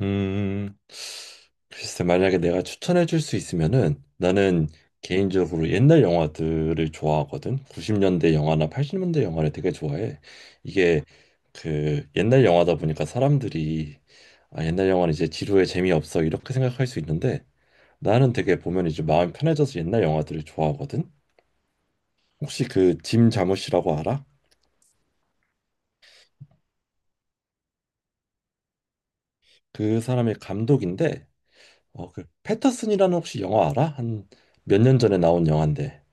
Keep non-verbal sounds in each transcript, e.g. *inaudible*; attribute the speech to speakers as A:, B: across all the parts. A: 음, 글쎄, 만약에 내가 추천해 줄 수 있으면은 나는 개인적으로 옛날 영화들을 좋아하거든. 90년대 영화나 80년대 영화를 되게 좋아해. 이게 그 옛날 영화다 보니까 사람들이, 아, 옛날 영화는 이제 지루해 재미없어 이렇게 생각할 수 있는데, 나는 되게 보면 이제 마음이 편해져서 옛날 영화들을 좋아하거든. 혹시 그 짐 자무시라고 알아? 그 사람의 감독인데, 그 패터슨이라는 혹시 영화 알아? 한 몇 년 전에 나온 영화인데.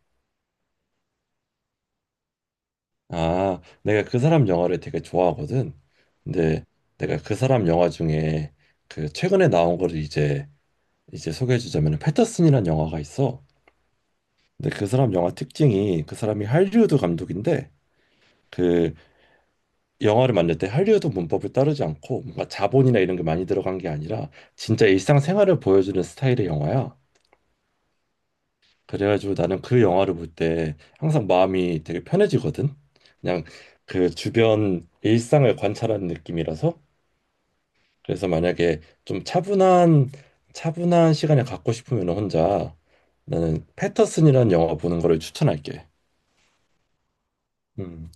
A: 아, 내가 그 사람 영화를 되게 좋아하거든. 근데 내가 그 사람 영화 중에 그 최근에 나온 거를 이제 소개해 주자면 패터슨이라는 영화가 있어. 근데 그 사람 영화 특징이, 그 사람이 할리우드 감독인데 그 영화를 만들 때 할리우드 문법을 따르지 않고, 뭔가 자본이나 이런 게 많이 들어간 게 아니라 진짜 일상생활을 보여주는 스타일의 영화야. 그래가지고 나는 그 영화를 볼 때 항상 마음이 되게 편해지거든. 그냥 그 주변 일상을 관찰하는 느낌이라서, 그래서 만약에 좀 차분한 시간을 갖고 싶으면 혼자 나는 패터슨이라는 영화 보는 거를 추천할게. 음,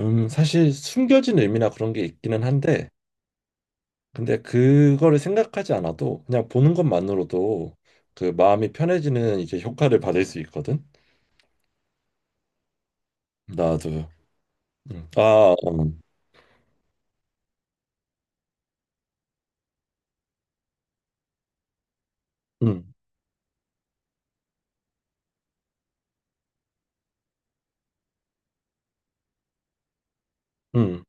A: 사실 숨겨진 의미나 그런 게 있기는 한데, 근데 그거를 생각하지 않아도 그냥 보는 것만으로도 그 마음이 편해지는 이제 효과를 받을 수 있거든. 나도. 음. 아, 음, 음,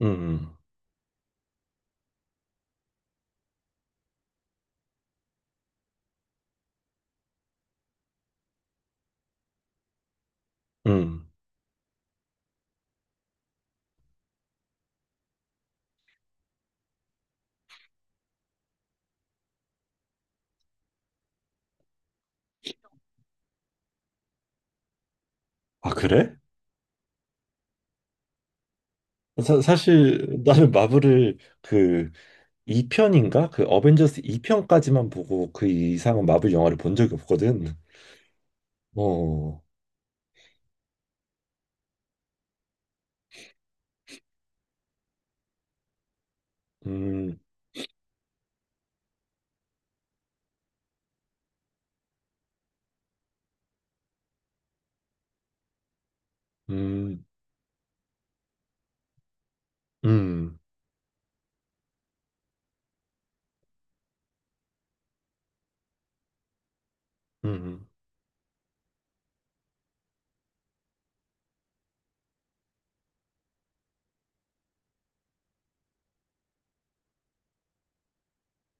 A: 음, 음. 아, 그래? 사실 나는 마블을 그 2편인가? 그 어벤져스 2편까지만 보고 그 이상은 마블 영화를 본 적이 없거든. 어, 음, 음, 음, 음,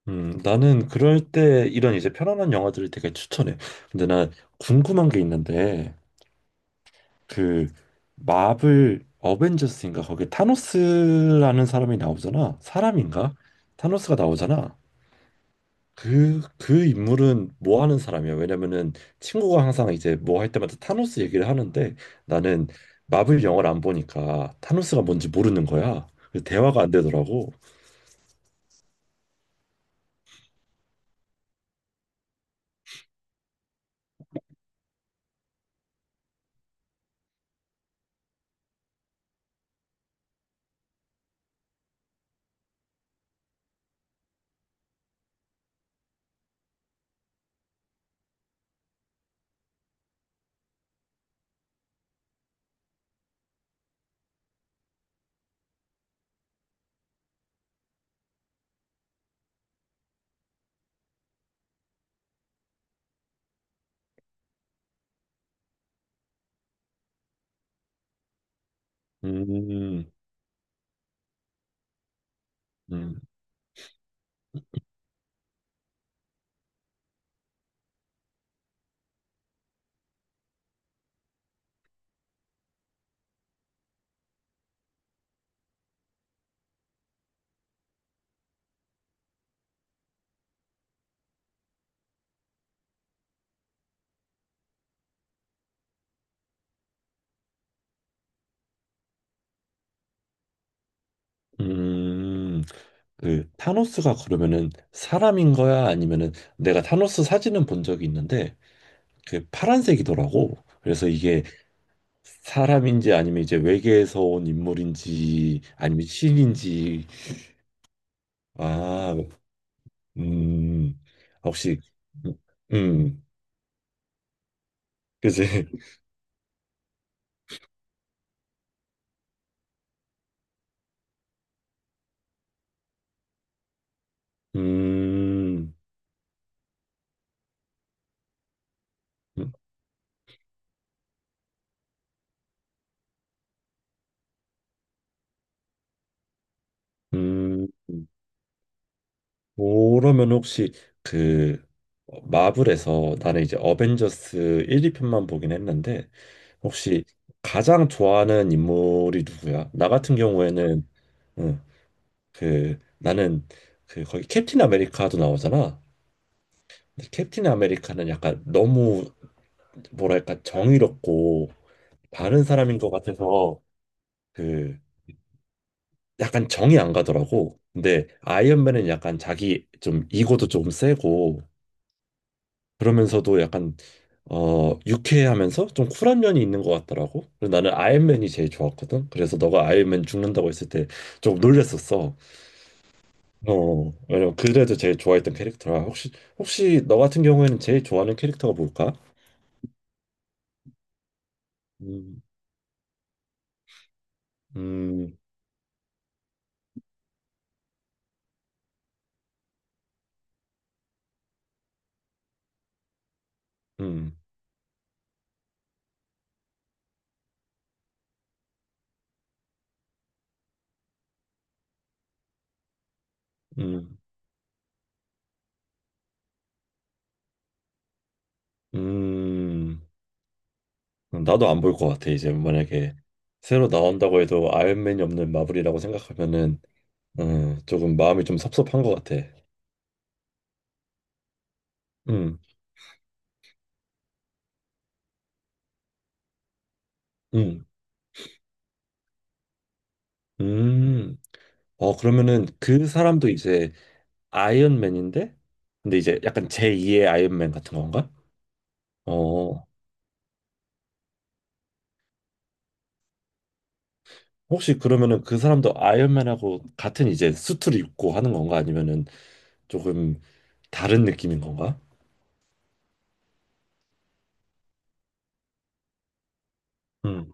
A: 나는 그럴 때 이런 이제 편안한 영화들을 되게 추천해. 근데 난 궁금한 게 있는데, 그 마블 어벤져스인가? 거기 타노스라는 사람이 나오잖아. 사람인가? 타노스가 나오잖아. 그 인물은 뭐 하는 사람이야? 왜냐면은 친구가 항상 이제 뭐 할 때마다 타노스 얘기를 하는데, 나는 마블 영화를 안 보니까 타노스가 뭔지 모르는 거야. 그래서 대화가 안 되더라고. 음, 음, 음. 그 타노스가 그러면은 사람인 거야? 아니면은 내가 타노스 사진은 본 적이 있는데 그 파란색이더라고. 그래서 이게 사람인지 아니면 이제 외계에서 온 인물인지 아니면 신인지. 아, 음, 아, 혹시, 음, 그지? *laughs* 음, 음, 그러면 혹시 그 마블에서, 나는 이제 어벤져스 1, 2편만 보긴 했는데 혹시 가장 좋아하는 인물이 누구야? 나 같은 경우에는, 응, 그 나는 그 거기 캡틴 아메리카도 나오잖아. 근데 캡틴 아메리카는 약간 너무 뭐랄까 정의롭고 바른 사람인 것 같아서 그 약간 정이 안 가더라고. 근데 아이언맨은 약간 자기 좀 이거도 조금 세고 그러면서도 약간 유쾌하면서 좀 쿨한 면이 있는 것 같더라고. 그래서 나는 아이언맨이 제일 좋았거든. 그래서 너가 아이언맨 죽는다고 했을 때 좀 놀랬었어. 왜냐면 그래도 제일 좋아했던 캐릭터라. 혹시 너 같은 경우에는 제일 좋아하는 캐릭터가 뭘까? 음, 음, 음, 음, 음. 나도 안 볼 것 같아. 이제 만약에 새로 나온다고 해도 아이언맨이 없는 마블이라고 생각하면은 조금 마음이 좀 섭섭한 것 같아. 음, 음, 음. 그러면은 그 사람도 이제 아이언맨인데, 근데 이제 약간 제2의 아이언맨 같은 건가? 어 혹시 그러면은 그 사람도 아이언맨하고 같은 이제 수트를 입고 하는 건가? 아니면은 조금 다른 느낌인 건가? 음,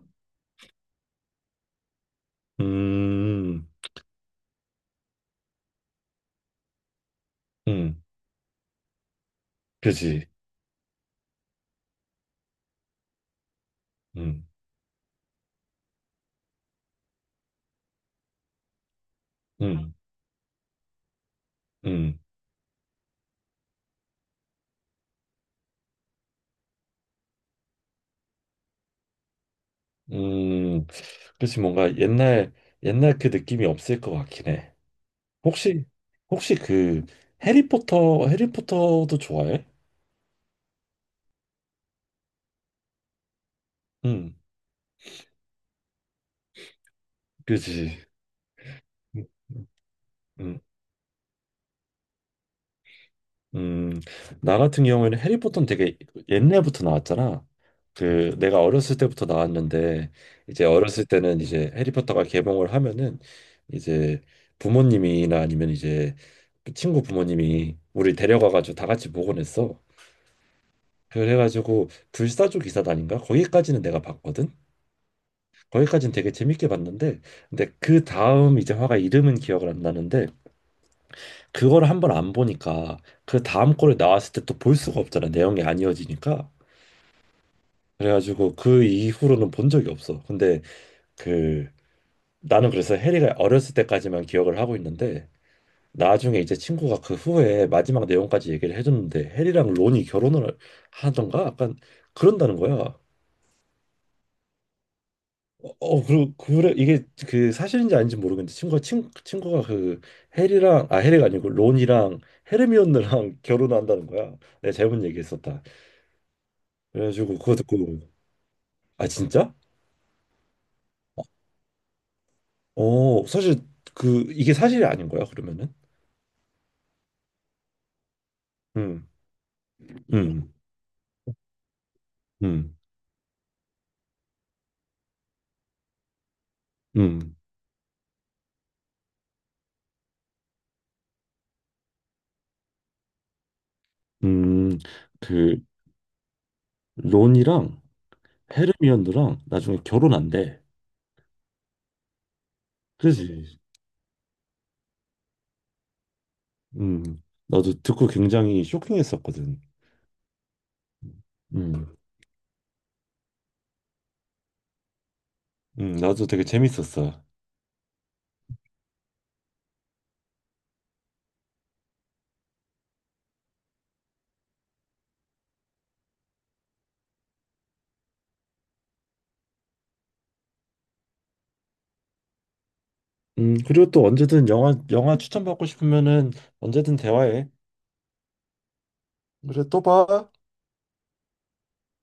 A: 음, 음, 그지. 음, 음, 음. 음, 그렇지, 뭔가 옛날 그 느낌이 없을 것 같긴 해. 혹시 혹시 그 해리포터도 좋아해? 음, 그지. 음, 음, 음. 음. 나 같은 경우에는 해리포터는 되게 옛날부터 나왔잖아. 그 내가 어렸을 때부터 나왔는데 이제 어렸을 때는 이제 해리포터가 개봉을 하면은 이제 부모님이나 아니면 이제 친구 부모님이 우리 데려가가지고 다 같이 보곤 했어. 그래가지고 불사조 기사단인가 거기까지는 내가 봤거든. 거기까지는 되게 재밌게 봤는데, 근데 그 다음 이제 화가 이름은 기억을 안 나는데, 그거를 한번 안 보니까 그 다음 거를 나왔을 때 또 볼 수가 없잖아. 내용이 안 이어지니까. 그래가지고 그 이후로는 본 적이 없어. 근데 그 나는 그래서 해리가 어렸을 때까지만 기억을 하고 있는데, 나중에 이제 친구가 그 후에 마지막 내용까지 얘기를 해줬는데, 해리랑 론이 결혼을 하던가 약간 그런다는 거야. 어, 어, 그리고 그래, 이게 그 사실인지 아닌지 모르겠는데, 친구가 그 해리랑, 아, 해리가 아니고 론이랑 헤르미온느랑 *laughs* 결혼한다는 거야. 내가 잘못 얘기했었다. 그래가지고 그거 듣고 아, 진짜? 사실 그 이게 사실이 아닌 거야 그러면은? 음, 음, 음, 음, 음, 그 론이랑 헤르미온느랑 나중에 결혼한대. 그지? 나도 듣고 굉장히 쇼킹했었거든. 음, 나도 되게 재밌었어. 그리고 또 언제든 영화 추천받고 싶으면은 언제든 대화해. 그래, 또 봐.